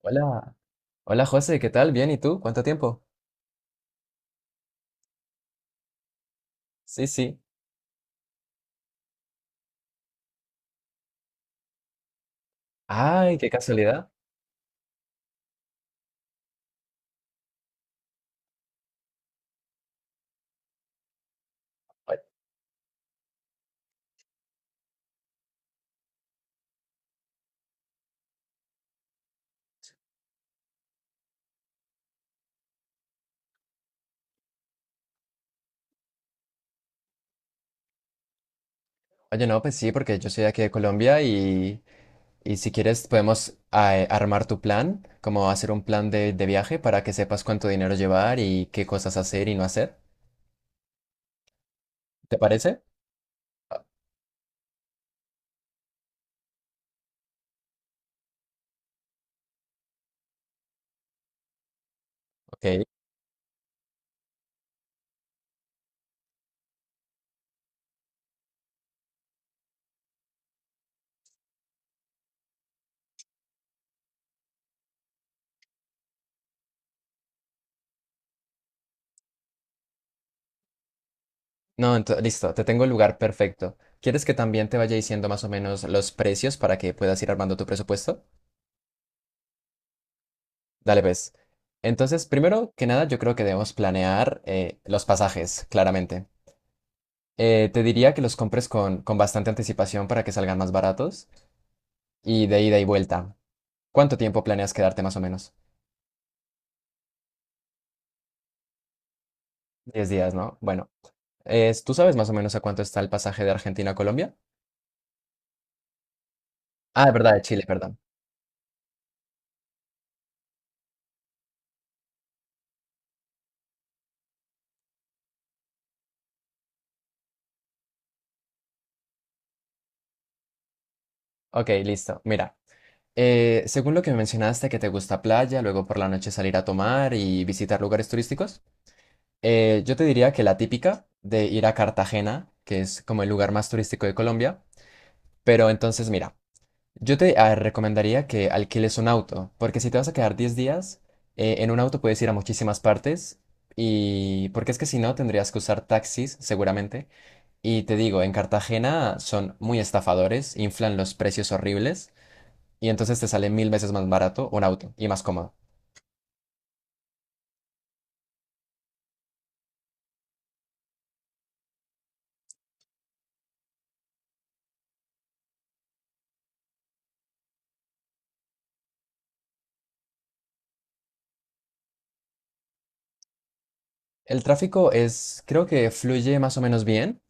Hola, hola José, ¿qué tal? Bien, ¿y tú? ¿Cuánto tiempo? Sí, sí. Ay, qué casualidad. Oye, oye, no, pues sí, porque yo soy de aquí de Colombia y si quieres podemos armar tu plan, como hacer un plan de viaje para que sepas cuánto dinero llevar y qué cosas hacer y no hacer. ¿Te parece? Ah, Ok. No, listo, te tengo el lugar perfecto. ¿Quieres que también te vaya diciendo más o menos los precios para que puedas ir armando tu presupuesto? Dale, pues. Entonces, primero que nada, yo creo que debemos planear los pasajes, claramente. Te diría que los compres con bastante anticipación para que salgan más baratos y de ida y vuelta. ¿Cuánto tiempo planeas quedarte más o menos? 10 días, ¿no? Bueno, ¿tú sabes más o menos a cuánto está el pasaje de Argentina a Colombia? Ah, de verdad, de Chile, perdón. Ok, listo. Mira, según lo que me mencionaste, que te gusta playa, luego por la noche salir a tomar y visitar lugares turísticos. Yo te diría que la típica de ir a Cartagena, que es como el lugar más turístico de Colombia, pero entonces mira. Yo te a recomendaría que alquiles un auto, porque si te vas a quedar 10 días, en un auto puedes ir a muchísimas partes, y porque es que si no tendrías que usar taxis seguramente. Y te digo, en Cartagena son muy estafadores, inflan los precios horribles, y entonces te sale mil veces más barato un auto y más cómodo. El tráfico es, creo que fluye más o menos bien,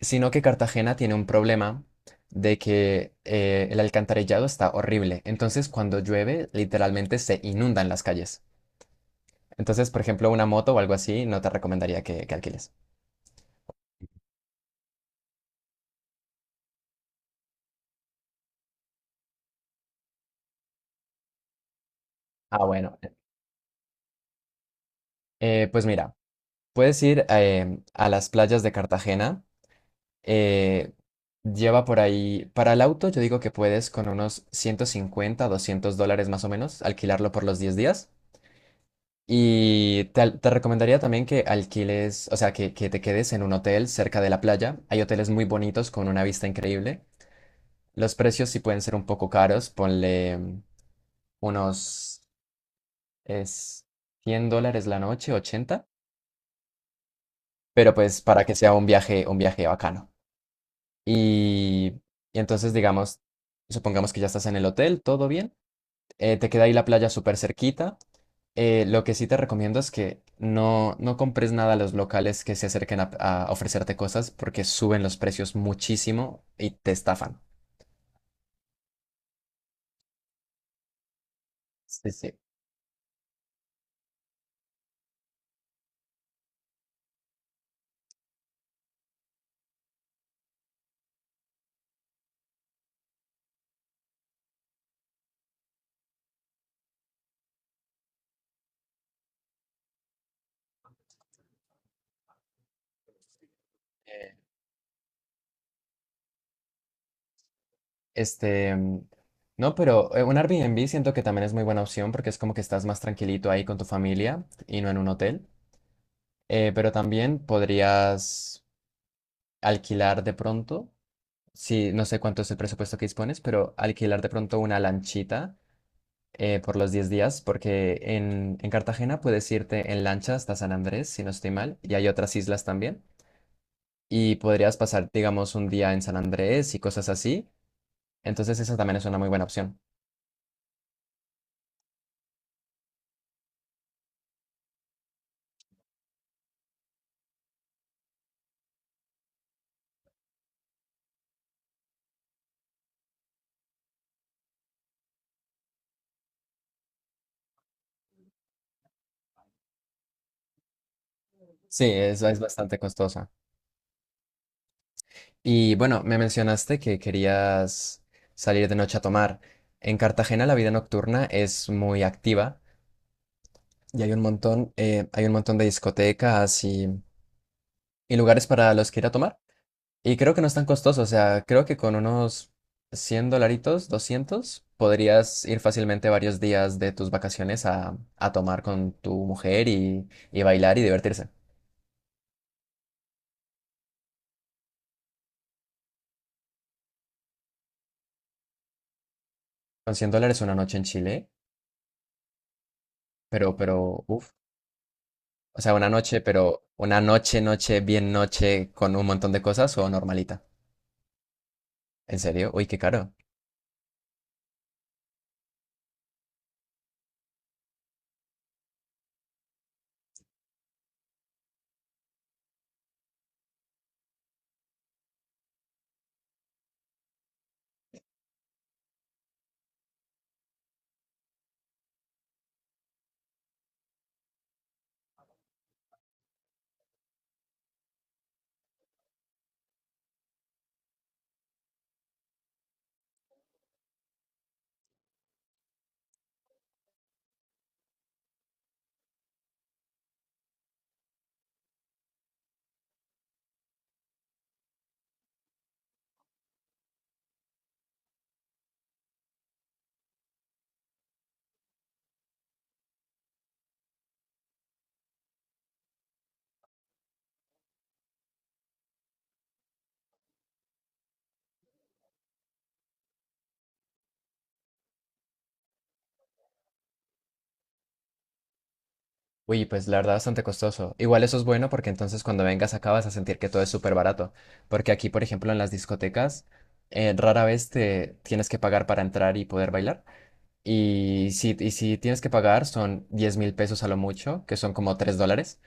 sino que Cartagena tiene un problema de que el alcantarillado está horrible. Entonces, cuando llueve, literalmente se inundan las calles. Entonces, por ejemplo, una moto o algo así, no te recomendaría que alquiles. Ah, bueno. Pues mira, puedes ir a las playas de Cartagena. eh, Lleva por ahí, para el auto, yo digo que puedes con unos 150, $200 más o menos, alquilarlo por los 10 días. Y te recomendaría también que alquiles, o sea, que te quedes en un hotel cerca de la playa. Hay hoteles muy bonitos con una vista increíble. Los precios sí pueden ser un poco caros, ponle unos es $100 la noche, 80, pero pues para que sea un viaje bacano. Y, y entonces, digamos, supongamos que ya estás en el hotel, todo bien. Te queda ahí la playa súper cerquita. Lo que sí te recomiendo es que no compres nada a los locales que se acerquen a ofrecerte cosas porque suben los precios muchísimo y te estafan. Sí, sí. Eh, Este, mm, no, pero un Airbnb siento que también es muy buena opción porque es como que estás más tranquilito ahí con tu familia y no en un hotel. Pero también podrías alquilar de pronto, si no sé cuánto es el presupuesto que dispones, pero alquilar de pronto una lanchita por los 10 días, porque en Cartagena puedes irte en lancha hasta San Andrés, si no estoy mal, y hay otras islas también, y podrías pasar, digamos, un día en San Andrés y cosas así, entonces esa también es una muy buena opción. Sí, es bastante costosa. Y bueno, me mencionaste que querías salir de noche a tomar. En Cartagena la vida nocturna es muy activa y hay un montón de discotecas y lugares para los que ir a tomar. Y creo que no es tan costoso, o sea, creo que con unos 100 dolaritos, 200, podrías ir fácilmente varios días de tus vacaciones a tomar con tu mujer y bailar y divertirse. Con $100 una noche en Chile, pero, uff, o sea, una noche, pero una noche, noche, bien noche, con un montón de cosas o normalita. ¿En serio? Uy, qué caro. Uy, pues la verdad bastante costoso. Igual eso es bueno porque entonces cuando vengas acá vas a sentir que todo es súper barato. Porque aquí, por ejemplo, en las discotecas, rara vez te tienes que pagar para entrar y poder bailar. Y si tienes que pagar son 10.000 pesos a lo mucho, que son como $3.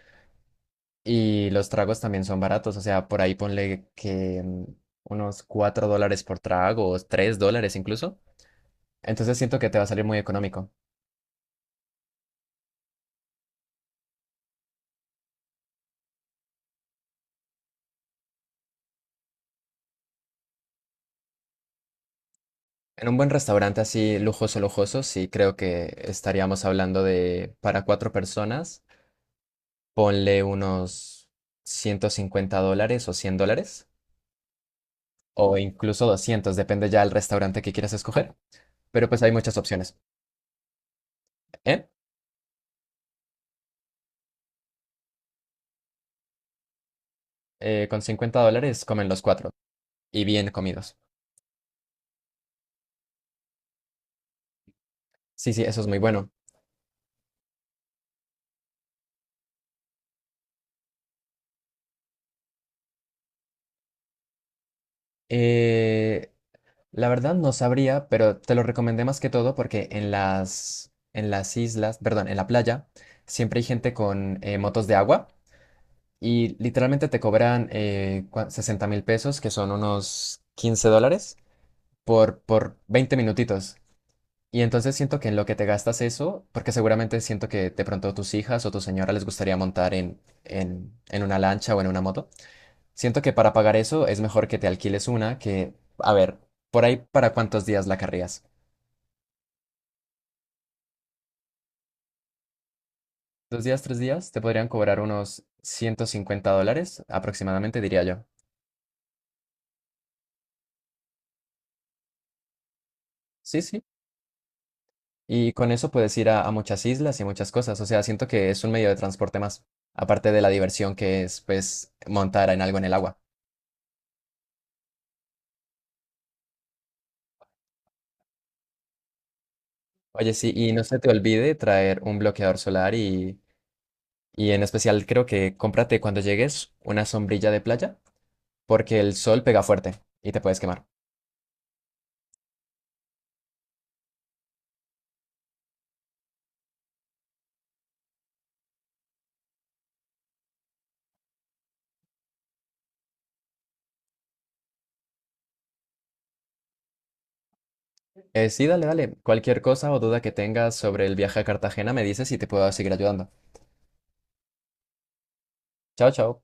Y los tragos también son baratos. O sea, por ahí ponle que unos $4 por trago o $3 incluso. Entonces siento que te va a salir muy económico. En un buen restaurante así lujoso, lujoso, sí creo que estaríamos hablando de para cuatro personas, ponle unos $150 o $100, o incluso 200 depende ya del restaurante que quieras escoger. Pero pues hay muchas opciones. ¿Eh? Con $50 comen los cuatro y bien comidos. Sí, sí, eso es muy bueno. Eh, la verdad no sabría, pero te lo recomendé más que todo porque en las islas, perdón, en la playa, siempre hay gente con motos de agua. Y literalmente te cobran 60 mil pesos, que son unos $15, por 20 minutitos. Y entonces siento que en lo que te gastas eso, porque seguramente siento que de pronto tus hijas o tu señora les gustaría montar en una lancha o en una moto, siento que para pagar eso es mejor que te alquiles una que, a ver, por ahí para cuántos días la carrías. 2 días, 3 días, te podrían cobrar unos $150 aproximadamente, diría yo. Sí, sí. Y con eso puedes ir a muchas islas y muchas cosas. O sea, siento que es un medio de transporte más, aparte de la diversión que es, pues, montar en algo en el agua. Oye, sí, y no se te olvide traer un bloqueador solar y en especial creo que cómprate cuando llegues una sombrilla de playa, porque el sol pega fuerte y te puedes quemar. Sí, dale, dale. Cualquier cosa o duda que tengas sobre el viaje a Cartagena me dices y te puedo seguir ayudando. Chao, chao.